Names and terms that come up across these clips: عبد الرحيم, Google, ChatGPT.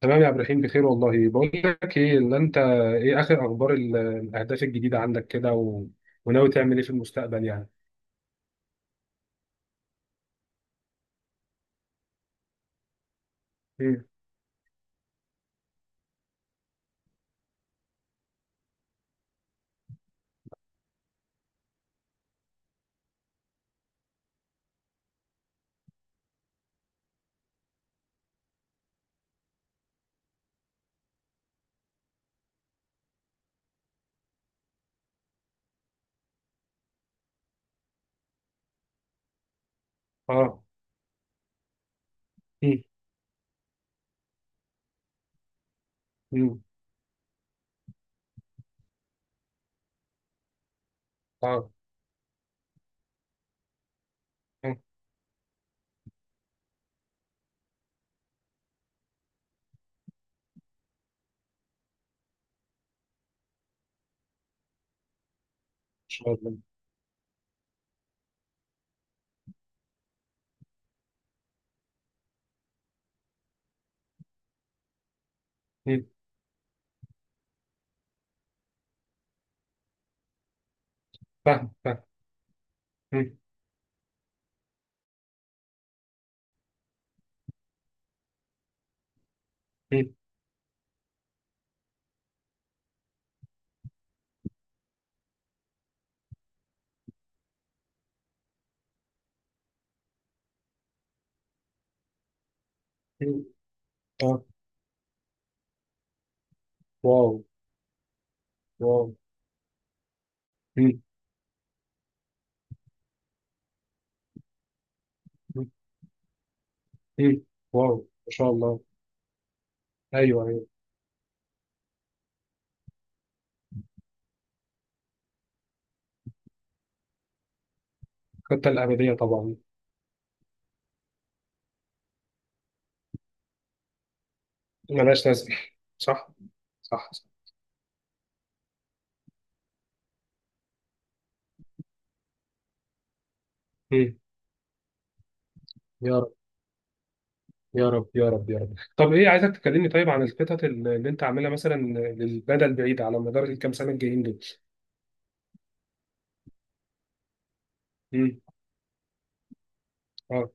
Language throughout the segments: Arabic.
تمام يا عبد الرحيم، بخير والله. بقول لك ايه، اللي انت ايه اخر اخبار الاهداف الجديده عندك كده و... وناوي تعمل ايه في المستقبل يعني؟ مم. اه. مم. مم. اه. آه، ان شاء الله. مم. فاهم فاهم. مم. مم. مم. اه. واو. واو. مم. مم. مم. واو. ما شاء الله. ايوه، ايوه. الخطه الابديه طبعا. ملهاش لازمه. صح، صح. صح. مم. يا يا رب، يا رب، يا رب. طب ايه، عايزك تكلمني طيب عن الخطط اللي انت عاملها مثلا للمدى البعيد على مدار الكام سنه الجايين دول. امم. اه.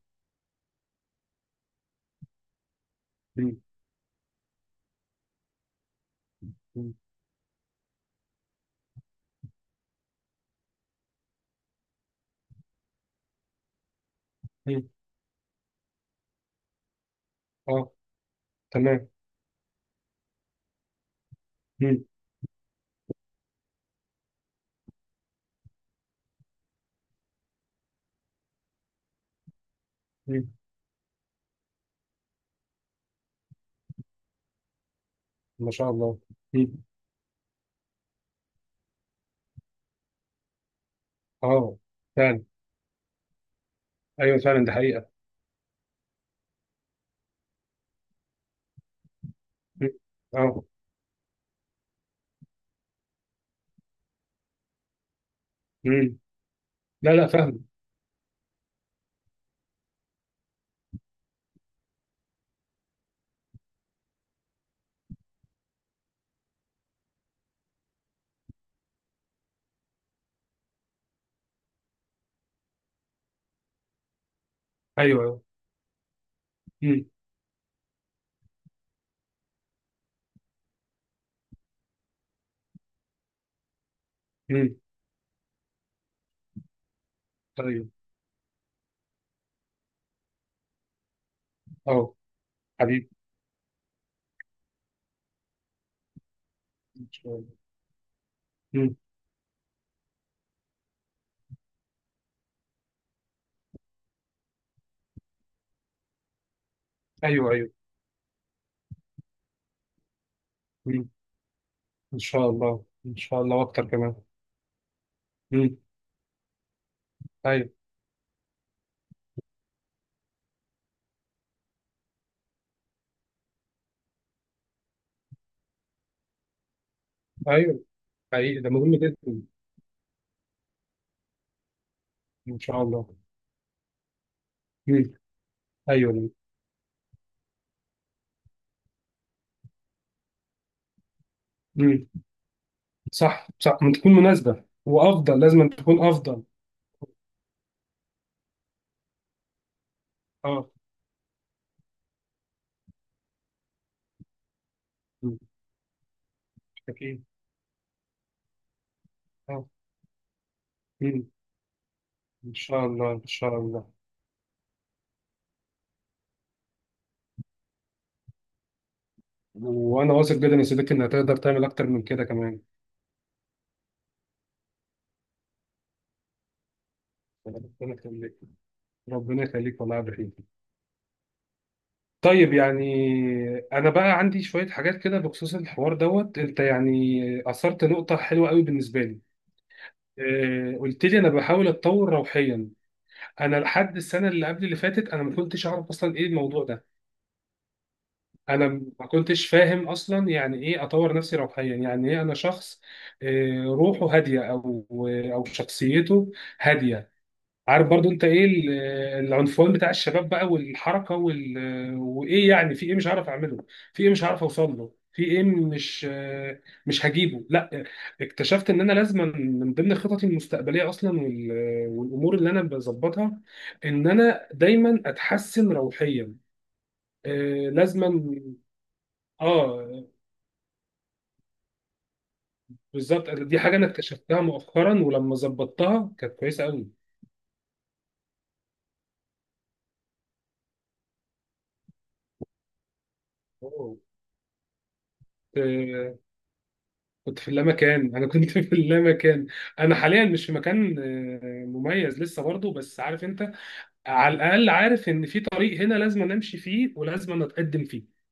امم. امم. اه. تمام. امم. امم. ما شاء الله. امم. اه، فعلا. ايوه فعلا، ده حقيقه. مم. اه. امم. لا لا، فاهم. ايوه ايوه. امم. امم. طيب. اه. حبيبي. ان شاء الله. امم. ايوه ايوه. امم. ان شاء الله، ان شاء الله، واكتر كمان. امم. ايوه ايوه. حقيقي ده مهم جدا. ان شاء الله. ايوه. امم. صح، صح، ما تكون مناسبة وافضل، لازم أن تكون افضل. اه. مم. اكيد. اه. مم. ان شاء الله، ان شاء الله. وانا واثق جدا يا صديقي انك هتقدر تعمل اكتر من كده كمان. ربنا يخليك، ربنا يخليك والله يا عبد الرحيم. طيب يعني، انا بقى عندي شوية حاجات كده بخصوص الحوار دوت. انت يعني اثرت نقطة حلوة قوي بالنسبة لي. قلت لي انا بحاول اتطور روحيا. انا لحد السنه اللي قبل اللي فاتت، انا ما كنتش اعرف اصلا ايه الموضوع ده. انا ما كنتش فاهم اصلا يعني ايه اطور نفسي روحيا، يعني ايه انا شخص روحه هاديه، او او شخصيته هاديه. عارف برضو انت ايه العنفوان بتاع الشباب بقى والحركه وال... آه، وايه، يعني في ايه مش هعرف اعمله، في ايه مش هعرف اوصل له، في ايه مش هجيبه، لا. اكتشفت ان انا لازم من ضمن خططي المستقبليه اصلا وال... آه، والامور اللي انا بظبطها، ان انا دايما اتحسن روحيا، لازما. اه بالظبط، دي حاجه انا اكتشفتها مؤخرا، ولما ظبطتها كانت كويسه قوي. أوه. آه، كنت في اللامكان، انا كنت في اللامكان. انا حاليا مش في مكان مميز لسه برضه، بس عارف انت، على الاقل عارف ان في طريق هنا لازم نمشي فيه ولازم نتقدم فيه.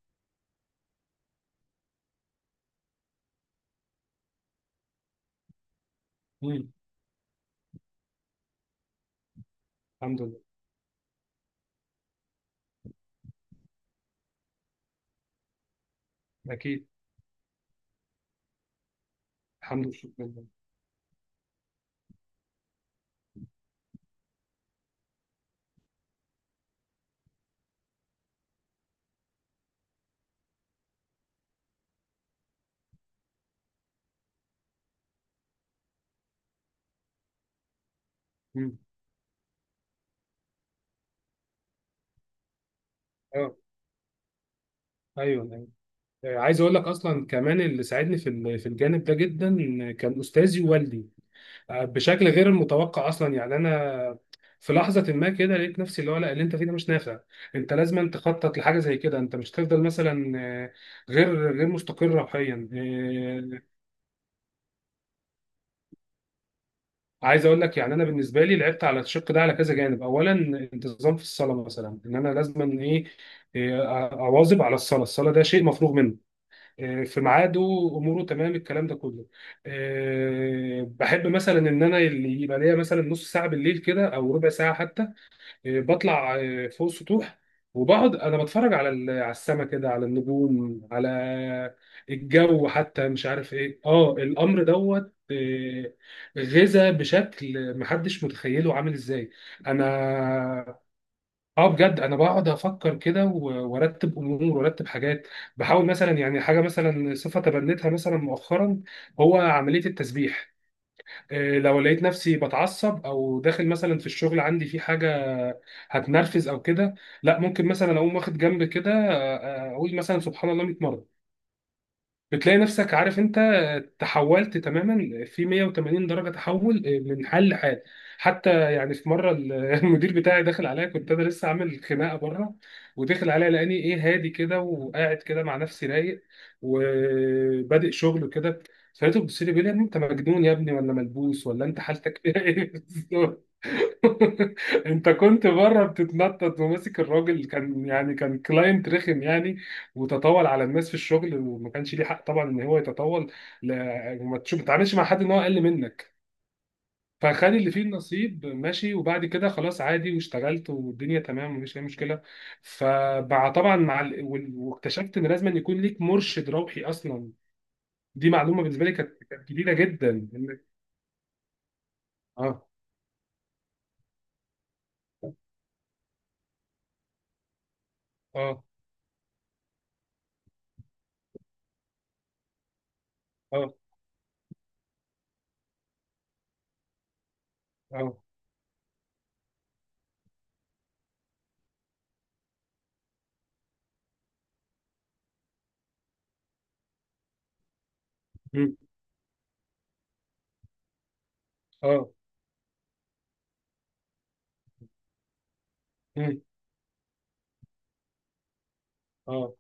مم. الحمد لله. اكيد. الحمد لله. مم. اه. ايوه، أيوة. عايز اقول لك اصلا كمان، اللي ساعدني في الجانب ده جدا كان استاذي ووالدي، بشكل غير المتوقع اصلا. يعني انا في لحظه ما كده لقيت نفسي، اللي هو لا، اللي انت فيه ده مش نافع، انت لازم تخطط لحاجه زي كده، انت مش هتفضل مثلا آه، غير مستقر روحيا عايز اقول لك، يعني انا بالنسبه لي لعبت على الشق ده على كذا جانب. اولا، انتظام في الصلاه، مثلا ان انا لازم ايه، اواظب على الصلاه. الصلاه ده شيء مفروغ منه، في ميعاده، اموره تمام، الكلام ده كله. بحب مثلا ان انا اللي يبقى ليا مثلا نص ساعه بالليل كده او ربع ساعه حتى، بطلع فوق السطوح وبقعد انا بتفرج على السما كده، على النجوم، على الجو حتى، مش عارف ايه، الامر دوت. غذا بشكل محدش متخيله عامل ازاي. انا، اه بجد انا بقعد افكر كده و- وارتب امور، وارتب حاجات. بحاول مثلا يعني حاجه، مثلا صفه تبنيتها مثلا مؤخرا، هو عمليه التسبيح. لو لقيت نفسي بتعصب، او داخل مثلا في الشغل عندي في حاجه هتنرفز او كده، لا، ممكن مثلا اقوم واخد جنب كده، اقول مثلا سبحان الله 100 مره. بتلاقي نفسك عارف انت، تحولت تماما في 180 درجه تحول، من حال لحال. حتى يعني في مره المدير بتاعي دخل عليا، كنت انا لسه عامل خناقه بره، ودخل عليا لقاني ايه، هادي كده، وقاعد كده مع نفسي رايق، وبادئ شغل كده. فلقيته بيبص لي، بيقول لي، يا ابني انت مجنون يا ابني، ولا ملبوس، ولا انت حالتك ايه؟ انت كنت بره بتتنطط وماسك الراجل، كان يعني كان كلاينت رخم يعني، وتطاول على الناس في الشغل، وما كانش ليه حق طبعا ان هو يتطاول. لا، وما تشوف، ما تتعاملش مع حد ان هو اقل منك. فخد اللي فيه النصيب، ماشي، وبعد كده خلاص عادي، واشتغلت، والدنيا تمام، مفيش اي مشكله. فمع طبعا واكتشفت ان لازم أن يكون ليك مرشد روحي اصلا، دي معلومه بالنسبه لي كانت جديده جدا. اه، اه، اه، اه. مم. اه. مم. اه.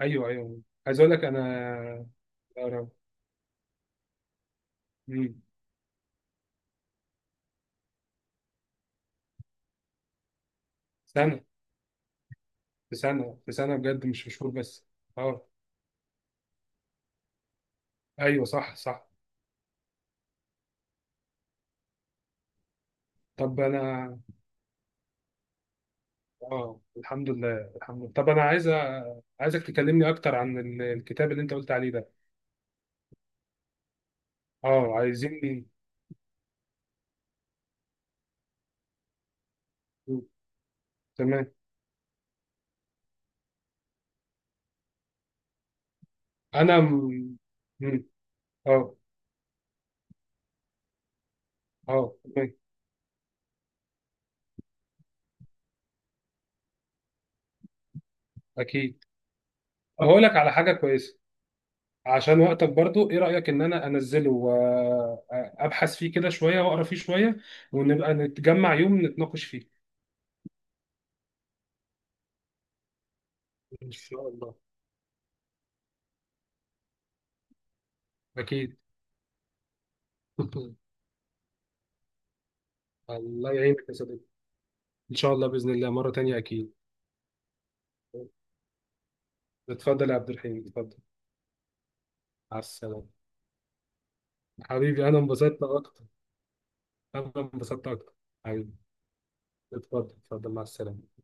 ايوه ايوه. عايز اقول لك، انا أقرب. مم. سنه، في سنه، في سنه، بجد مش في شهور بس. اه. ايوه، صح، صح. طب انا. اه، الحمد لله الحمد لله. طب انا عايز، عايزك تكلمني اكتر عن الكتاب اللي انت قلت عليه ده. اه، عايزين. مم. تمام. انا. مم. اه. اه. تمام. اكيد. هقول لك على حاجه كويسه، عشان وقتك برضو، ايه رأيك ان انا انزله وابحث فيه كده شوية، واقرا فيه شوية، ونبقى نتجمع يوم نتناقش فيه. إن شاء الله. أكيد. الله يعينك يا صديقي. إن شاء الله بإذن الله مرة تانية أكيد. اتفضل يا عبد الرحيم، اتفضل. مع السلامة. حبيبي، أنا انبسطت أكتر، أنا انبسطت أكتر. حبيبي. اتفضل، اتفضل، مع السلامة.